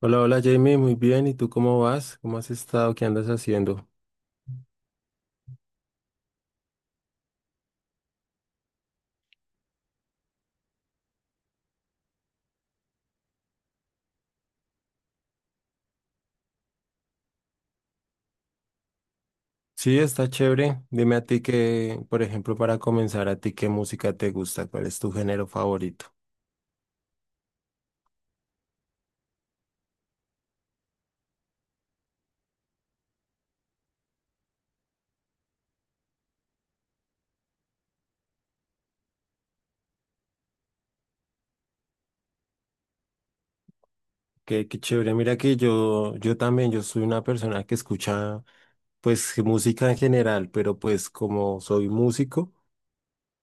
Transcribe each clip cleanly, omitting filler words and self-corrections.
Hola, hola Jamie, muy bien. ¿Y tú cómo vas? ¿Cómo has estado? ¿Qué andas haciendo? Sí, está chévere. Dime a ti que, por ejemplo, para comenzar, a ti qué música te gusta, cuál es tu género favorito. Qué, qué chévere. Mira que yo también, yo soy una persona que escucha, pues, música en general, pero pues como soy músico,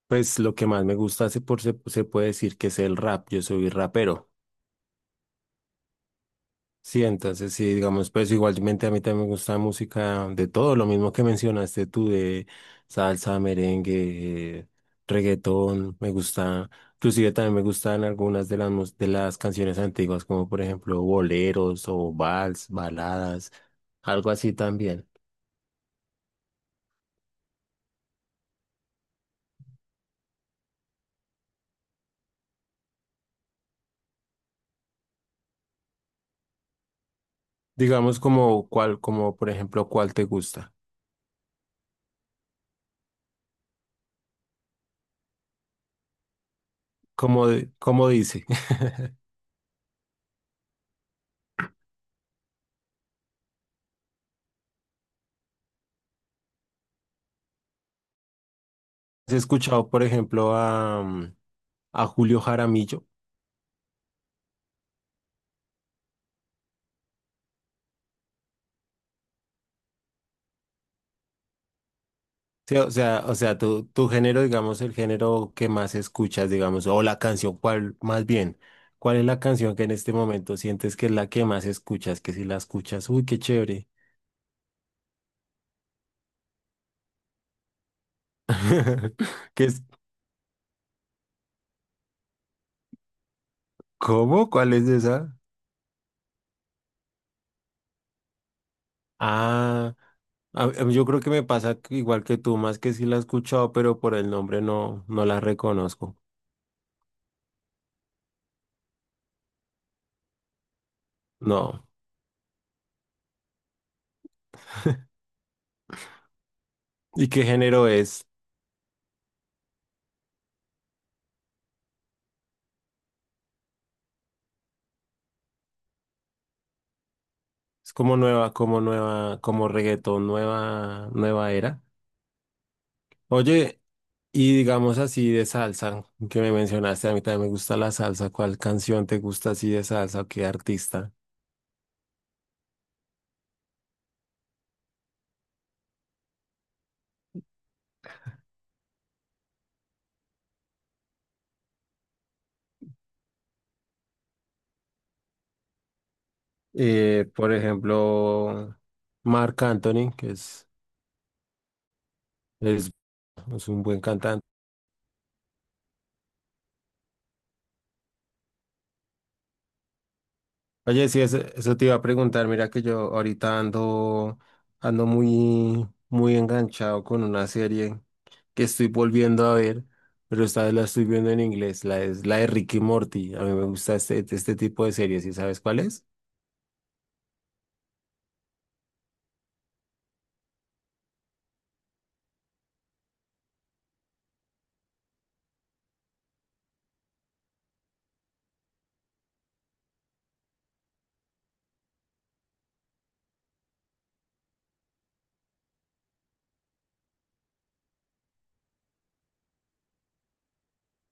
pues lo que más me gusta se puede decir que es el rap. Yo soy rapero. Sí, entonces sí, digamos, pues igualmente a mí también me gusta música de todo, lo mismo que mencionaste tú de salsa, merengue, reggaetón, me gusta, inclusive también me gustan algunas de de las canciones antiguas, como por ejemplo boleros o vals, baladas, algo así también. Digamos como cuál, como por ejemplo, cuál te gusta. Como, como dice, ¿has escuchado por ejemplo a, a Julio Jaramillo? Sí, o sea, tu género, digamos, el género que más escuchas, digamos, o la canción, cuál, más bien, ¿cuál es la canción que en este momento sientes que es la que más escuchas? Que si la escuchas, uy, qué chévere. ¿Qué es? ¿Cómo? ¿Cuál es esa? Ah, yo creo que me pasa que igual que tú, más que sí la he escuchado, pero por el nombre no, no la reconozco. No. ¿Y qué género es? Es como nueva, como nueva, como reggaetón, nueva, nueva era. Oye, y digamos así de salsa, que me mencionaste, a mí también me gusta la salsa. ¿Cuál canción te gusta así de salsa o qué artista? Por ejemplo, Marc Anthony, que es, es, es un buen cantante. Oye, sí, eso te iba a preguntar. Mira que yo ahorita ando, ando muy, muy enganchado con una serie que estoy volviendo a ver, pero esta vez la estoy viendo en inglés. Es la de Ricky Morty. A mí me gusta este, este tipo de series, ¿y sabes cuál es?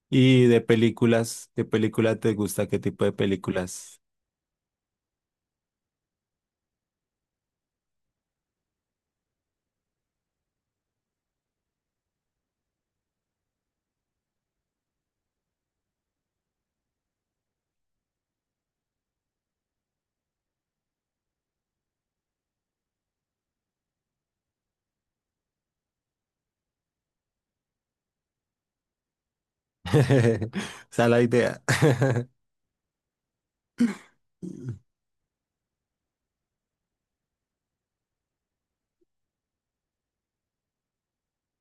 Y de películas, ¿de película te gusta? ¿Qué tipo de películas? O sea, la idea.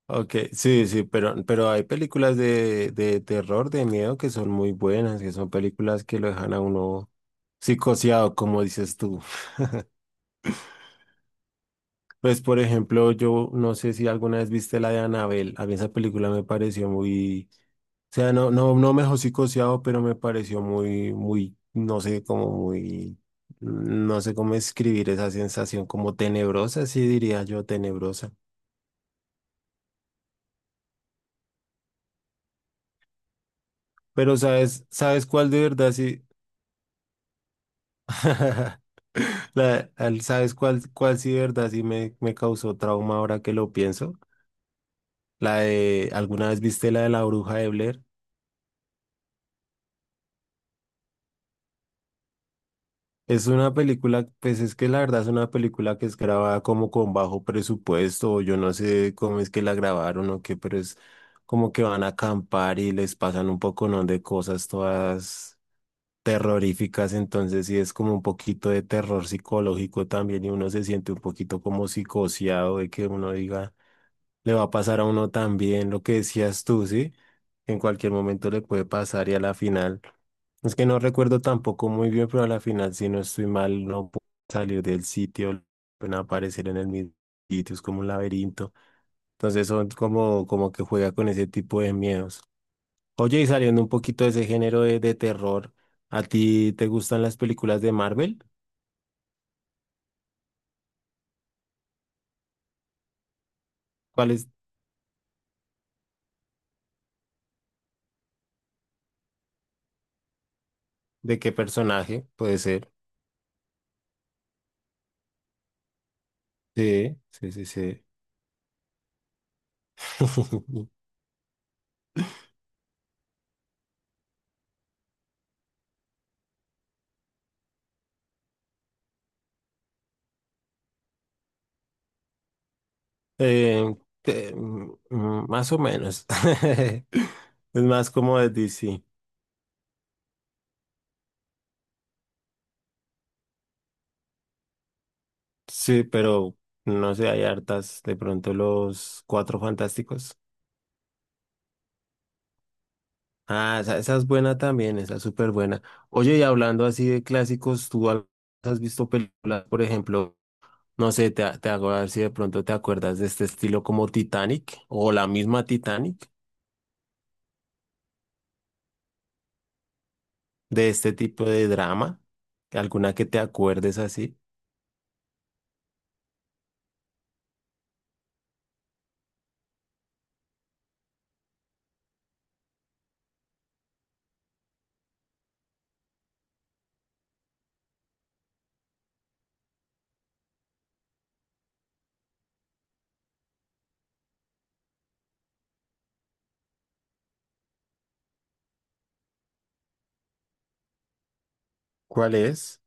Ok, sí, sí, pero hay películas de terror, de miedo, que son muy buenas, que son películas que lo dejan a uno psicoseado, como dices tú. Pues, por ejemplo, yo no sé si alguna vez viste la de Anabel. A mí esa película me pareció muy... O sea, no, no, no me dejó psicoseado, pero me pareció muy, muy, no sé, como muy, no sé cómo escribir esa sensación, como tenebrosa, sí diría yo, tenebrosa. Pero sabes, ¿sabes cuál de verdad sí? ¿Sabes cuál, cuál sí de verdad sí me causó trauma ahora que lo pienso? ¿Alguna vez viste la de la bruja de Blair? Es una película, pues es que la verdad es una película que es grabada como con bajo presupuesto, o yo no sé cómo es que la grabaron o qué, pero es como que van a acampar y les pasan un poconón de cosas todas terroríficas, entonces sí es como un poquito de terror psicológico también y uno se siente un poquito como psicoseado de que uno diga, le va a pasar a uno también lo que decías tú, ¿sí? En cualquier momento le puede pasar y a la final. Es que no recuerdo tampoco muy bien, pero a la final, si no estoy mal, no puedo salir del sitio, no pueden aparecer en el mismo sitio, es como un laberinto. Entonces son como, como que juega con ese tipo de miedos. Oye, y saliendo un poquito de ese género de terror, ¿a ti te gustan las películas de Marvel? ¿Cuál es, de qué personaje puede ser? Sí, sí, sí, sí. Eh, más o menos. Es más como de DC. Sí, pero no sé, hay hartas. De pronto los Cuatro Fantásticos. Ah, esa es buena también, esa es súper buena. Oye, y hablando así de clásicos, ¿has visto películas, por ejemplo, no sé, te hago a ver si de pronto te acuerdas de este estilo como Titanic o la misma Titanic, de este tipo de drama? ¿Alguna que te acuerdes así? ¿Cuál es?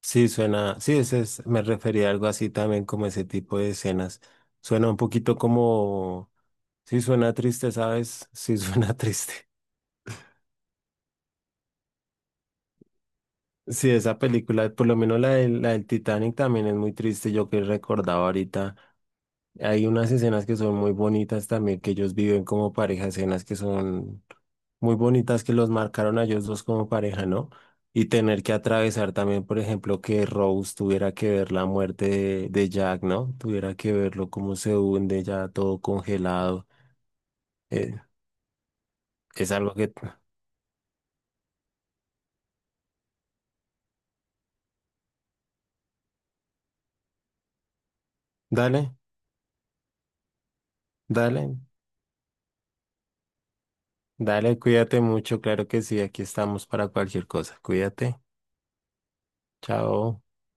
Sí, suena, sí, ese es, me refería a algo así también como ese tipo de escenas. Suena un poquito como... Sí suena triste, ¿sabes? Sí suena triste. Sí, esa película, por lo menos la del Titanic también es muy triste, yo que recordaba ahorita. Hay unas escenas que son muy bonitas también, que ellos viven como pareja, escenas que son muy bonitas que los marcaron a ellos dos como pareja, ¿no? Y tener que atravesar también, por ejemplo, que Rose tuviera que ver la muerte de Jack, ¿no? Tuviera que verlo cómo se hunde ya todo congelado. Eh, es algo que... Dale, dale. Dale, cuídate mucho, claro que sí, aquí estamos para cualquier cosa. Cuídate. Chao.